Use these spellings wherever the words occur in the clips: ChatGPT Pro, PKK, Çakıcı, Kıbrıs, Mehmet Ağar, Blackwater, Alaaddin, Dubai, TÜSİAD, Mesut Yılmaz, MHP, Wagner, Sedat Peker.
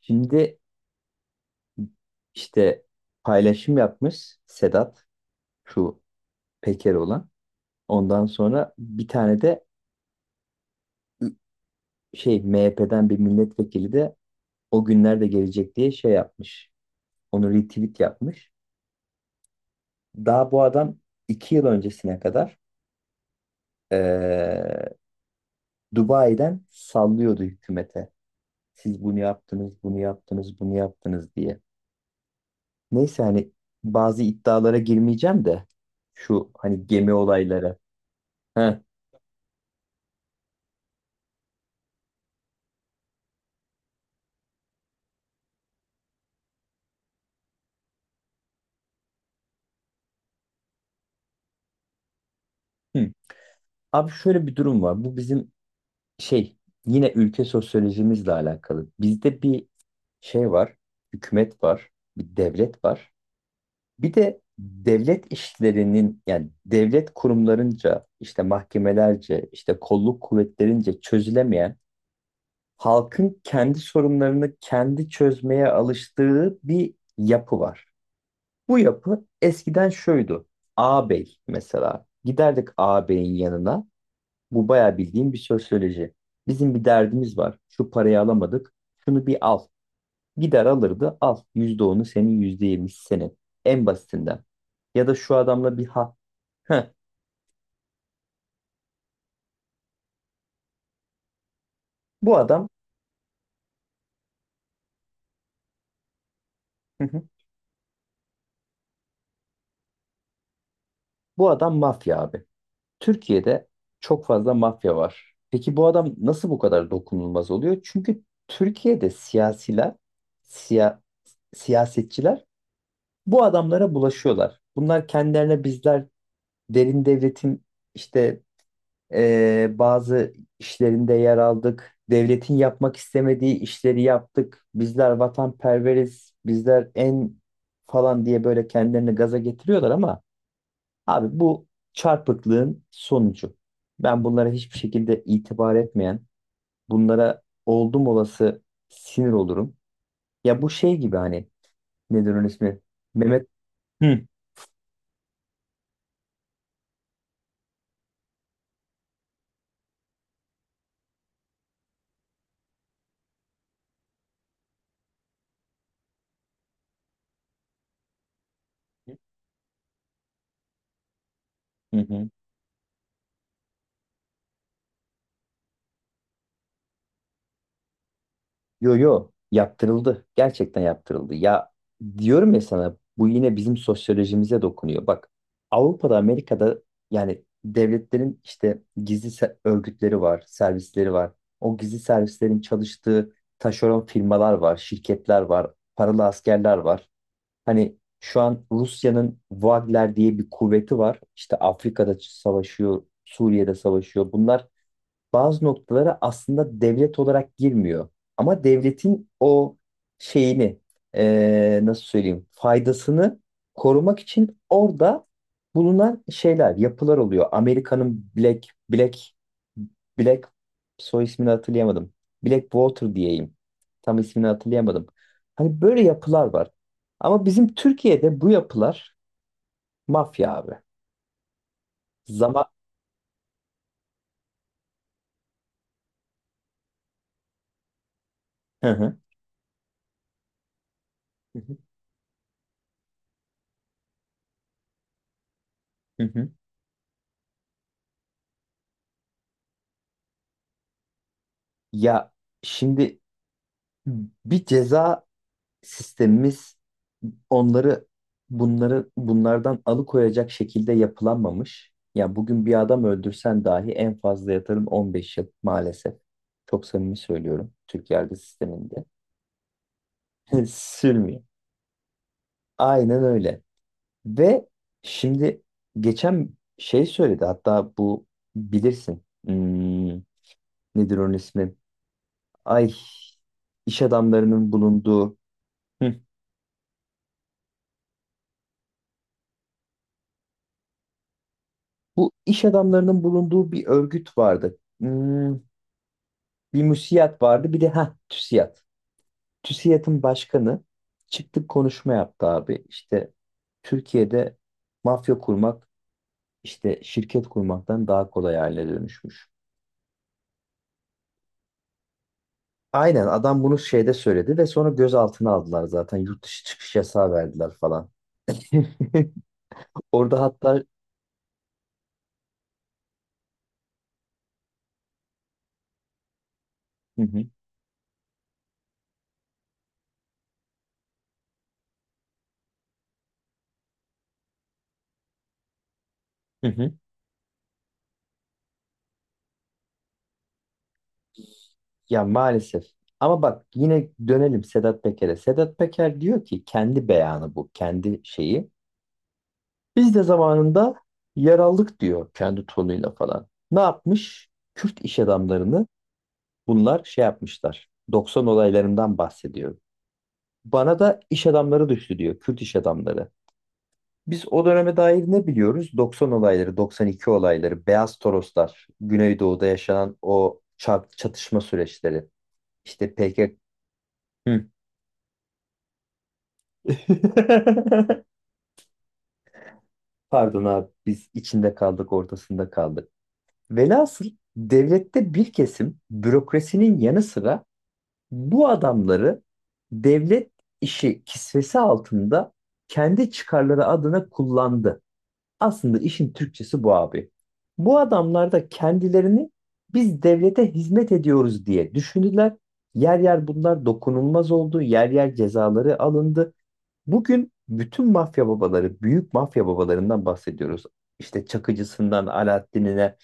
Şimdi işte paylaşım yapmış Sedat şu Peker olan. Ondan sonra bir tane de şey MHP'den bir milletvekili de o günlerde gelecek diye şey yapmış. Onu retweet yapmış. Daha bu adam 2 yıl öncesine kadar eee, Dubai'den sallıyordu hükümete. Siz bunu yaptınız, bunu yaptınız, bunu yaptınız diye. Neyse hani bazı iddialara girmeyeceğim de şu hani gemi olayları. Heh. Hı. Abi şöyle bir durum var. Bu bizim şey yine ülke sosyolojimizle alakalı. Bizde bir şey var, hükümet var, bir devlet var. Bir de devlet işlerinin yani devlet kurumlarınca, işte mahkemelerce, işte kolluk kuvvetlerince çözülemeyen halkın kendi sorunlarını kendi çözmeye alıştığı bir yapı var. Bu yapı eskiden şuydu. Ağabey mesela giderdik ağabeyin yanına. Bu bayağı bildiğim bir sosyoloji. Bizim bir derdimiz var. Şu parayı alamadık. Şunu bir al. Gider alırdı. Al. %10'u senin, %20'si senin. En basitinden. Ya da şu adamla bir ha. Heh. Bu adam. Hı hı. Bu adam mafya abi. Türkiye'de çok fazla mafya var. Peki bu adam nasıl bu kadar dokunulmaz oluyor? Çünkü Türkiye'de siyasiler, siya, siyasetçiler bu adamlara bulaşıyorlar. Bunlar kendilerine bizler derin devletin işte, bazı işlerinde yer aldık. Devletin yapmak istemediği işleri yaptık. Bizler vatanperveriz, bizler en falan diye böyle kendilerini gaza getiriyorlar ama abi bu çarpıklığın sonucu. Ben bunlara hiçbir şekilde itibar etmeyen, bunlara oldum olası sinir olurum. Ya bu şey gibi hani nedir onun ismi? Mehmet. Hı. Hı hı. Yo yo yaptırıldı. Gerçekten yaptırıldı. Ya diyorum ya sana bu yine bizim sosyolojimize dokunuyor. Bak Avrupa'da Amerika'da yani devletlerin işte gizli örgütleri var, servisleri var. O gizli servislerin çalıştığı taşeron firmalar var, şirketler var, paralı askerler var. Hani şu an Rusya'nın Wagner diye bir kuvveti var. İşte Afrika'da savaşıyor, Suriye'de savaşıyor. Bunlar bazı noktalara aslında devlet olarak girmiyor. Ama devletin o şeyini nasıl söyleyeyim faydasını korumak için orada bulunan şeyler, yapılar oluyor. Amerika'nın Black Black soy ismini hatırlayamadım. Blackwater diyeyim. Tam ismini hatırlayamadım. Hani böyle yapılar var. Ama bizim Türkiye'de bu yapılar mafya abi. Zaman. Hı hı. Hı hı. Hı hı. Ya şimdi bir ceza sistemimiz onları bunları bunlardan alıkoyacak şekilde yapılanmamış. Ya bugün bir adam öldürsen dahi en fazla yatarın 15 yıl maalesef. Çok samimi söylüyorum Türk yargı sisteminde. Sürmüyor. Aynen öyle. Ve şimdi geçen şey söyledi hatta bu bilirsin. Nedir onun ismi? Ay iş adamlarının bulunduğu. Hı. Bu iş adamlarının bulunduğu bir örgüt vardı. Bir müsiyat vardı, bir de ha TÜSİAD. TÜSİAD'ın başkanı çıktı konuşma yaptı abi. İşte Türkiye'de mafya kurmak, işte şirket kurmaktan daha kolay haline dönüşmüş. Aynen adam bunu şeyde söyledi ve sonra gözaltına aldılar zaten. Yurt dışı çıkış yasağı verdiler falan. Orada hatta. Hı hı, hı hı. Ya maalesef. Ama bak yine dönelim Sedat Peker'e. Sedat Peker diyor ki kendi beyanı bu, kendi şeyi. Biz de zamanında yer aldık diyor kendi tonuyla falan. Ne yapmış? Kürt iş adamlarını bunlar şey yapmışlar. 90 olaylarından bahsediyor. Bana da iş adamları düştü diyor, Kürt iş adamları. Biz o döneme dair ne biliyoruz? 90 olayları, 92 olayları, Beyaz Toroslar, Güneydoğu'da yaşanan o çatışma süreçleri. İşte PKK. Pardon abi biz içinde kaldık ortasında kaldık. Velhasıl devlette bir kesim bürokrasinin yanı sıra bu adamları devlet işi kisvesi altında kendi çıkarları adına kullandı. Aslında işin Türkçesi bu abi. Bu adamlar da kendilerini biz devlete hizmet ediyoruz diye düşündüler. Yer yer bunlar dokunulmaz oldu. Yer yer cezaları alındı. Bugün bütün mafya babaları, büyük mafya babalarından bahsediyoruz. İşte Çakıcısından Alaaddin'ine,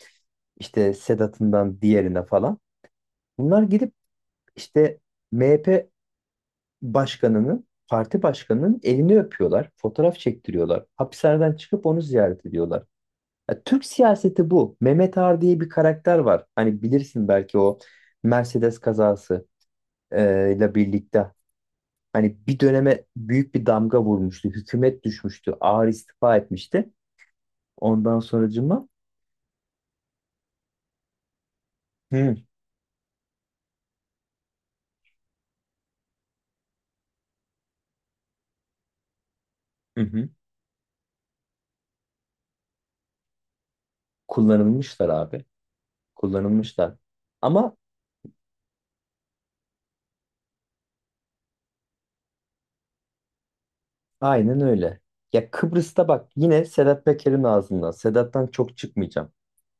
işte Sedat'ından diğerine falan. Bunlar gidip işte MHP başkanının, parti başkanının elini öpüyorlar, fotoğraf çektiriyorlar. Hapishaneden çıkıp onu ziyaret ediyorlar. Ya Türk siyaseti bu. Mehmet Ağar diye bir karakter var. Hani bilirsin belki o Mercedes kazası ile birlikte. Hani bir döneme büyük bir damga vurmuştu. Hükümet düşmüştü. Ağar istifa etmişti. Ondan sonracıma. Hı, hı hı. Kullanılmışlar abi. Kullanılmışlar. Ama aynen öyle. Ya Kıbrıs'ta bak yine Sedat Peker'in ağzından. Sedat'tan çok çıkmayacağım.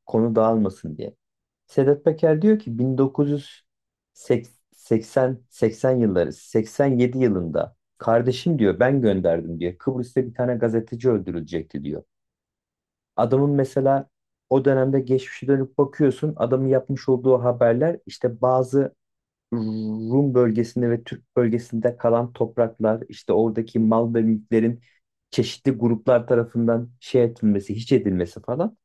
Konu dağılmasın diye. Sedat Peker diyor ki 1980 80 yılları 87 yılında kardeşim diyor ben gönderdim diyor. Kıbrıs'ta bir tane gazeteci öldürülecekti diyor. Adamın mesela o dönemde geçmişe dönüp bakıyorsun adamın yapmış olduğu haberler işte bazı Rum bölgesinde ve Türk bölgesinde kalan topraklar, işte oradaki mal ve mülklerin çeşitli gruplar tarafından şey edilmesi, hiç edilmesi falan.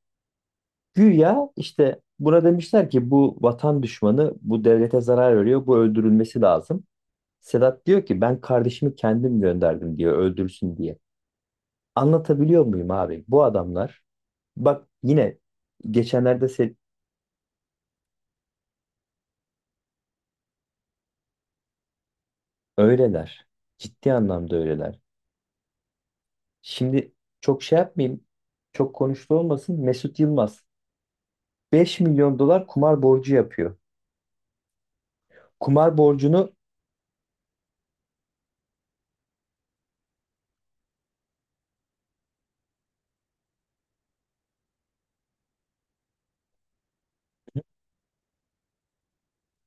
Güya işte buna demişler ki bu vatan düşmanı, bu devlete zarar veriyor, bu öldürülmesi lazım. Sedat diyor ki ben kardeşimi kendim gönderdim diyor öldürsün diye. Anlatabiliyor muyum abi? Bu adamlar bak yine geçenlerde öyleler. Ciddi anlamda öyleler. Şimdi çok şey yapmayayım. Çok konuştu olmasın. Mesut Yılmaz 5 milyon dolar kumar borcu yapıyor. Kumar borcunu.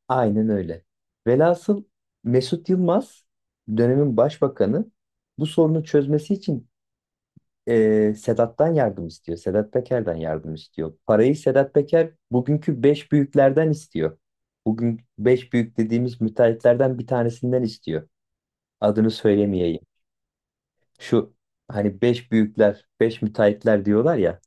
Aynen öyle. Velhasıl Mesut Yılmaz dönemin başbakanı bu sorunu çözmesi için Sedat'tan yardım istiyor. Sedat Peker'den yardım istiyor. Parayı Sedat Peker bugünkü 5 büyüklerden istiyor. Bugün 5 büyük dediğimiz müteahhitlerden bir tanesinden istiyor. Adını söylemeyeyim. Şu hani beş büyükler, beş müteahhitler diyorlar ya.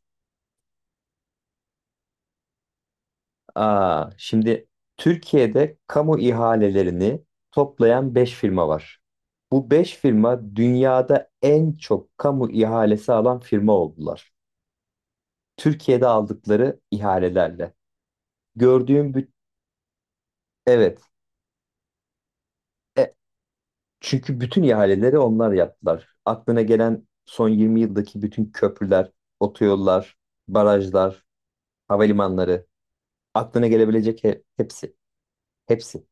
Aa, şimdi Türkiye'de kamu ihalelerini toplayan beş firma var. Bu beş firma dünyada en çok kamu ihalesi alan firma oldular. Türkiye'de aldıkları ihalelerle. Gördüğüm büt- evet. E, çünkü bütün ihaleleri onlar yaptılar. Aklına gelen son 20 yıldaki bütün köprüler, otoyollar, barajlar, havalimanları, aklına gelebilecek hepsi. Hepsi.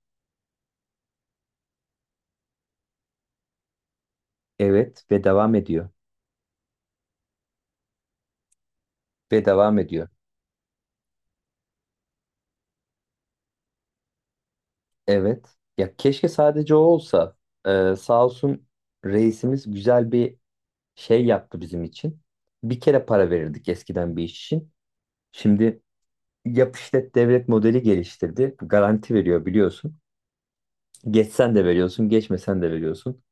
Evet ve devam ediyor. Ve devam ediyor. Evet. Ya keşke sadece o olsa. Sağ olsun reisimiz güzel bir şey yaptı bizim için. Bir kere para verirdik eskiden bir iş için. Şimdi yap işlet devlet modeli geliştirdi. Garanti veriyor biliyorsun. Geçsen de veriyorsun, geçmesen de veriyorsun.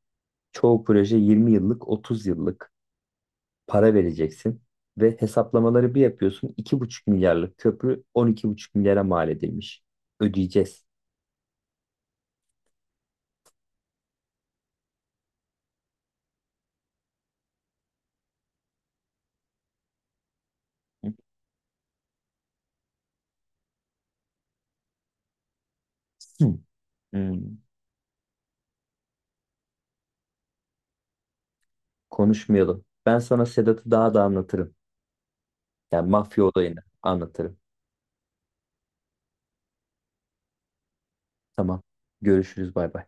Çoğu proje 20 yıllık, 30 yıllık para vereceksin. Ve hesaplamaları bir yapıyorsun. 2,5 milyarlık köprü 12,5 milyara mal edilmiş. Ödeyeceğiz. Hı. Hmm, konuşmayalım. Ben sana Sedat'ı daha da anlatırım. Yani mafya olayını anlatırım. Tamam. Görüşürüz. Bay bay.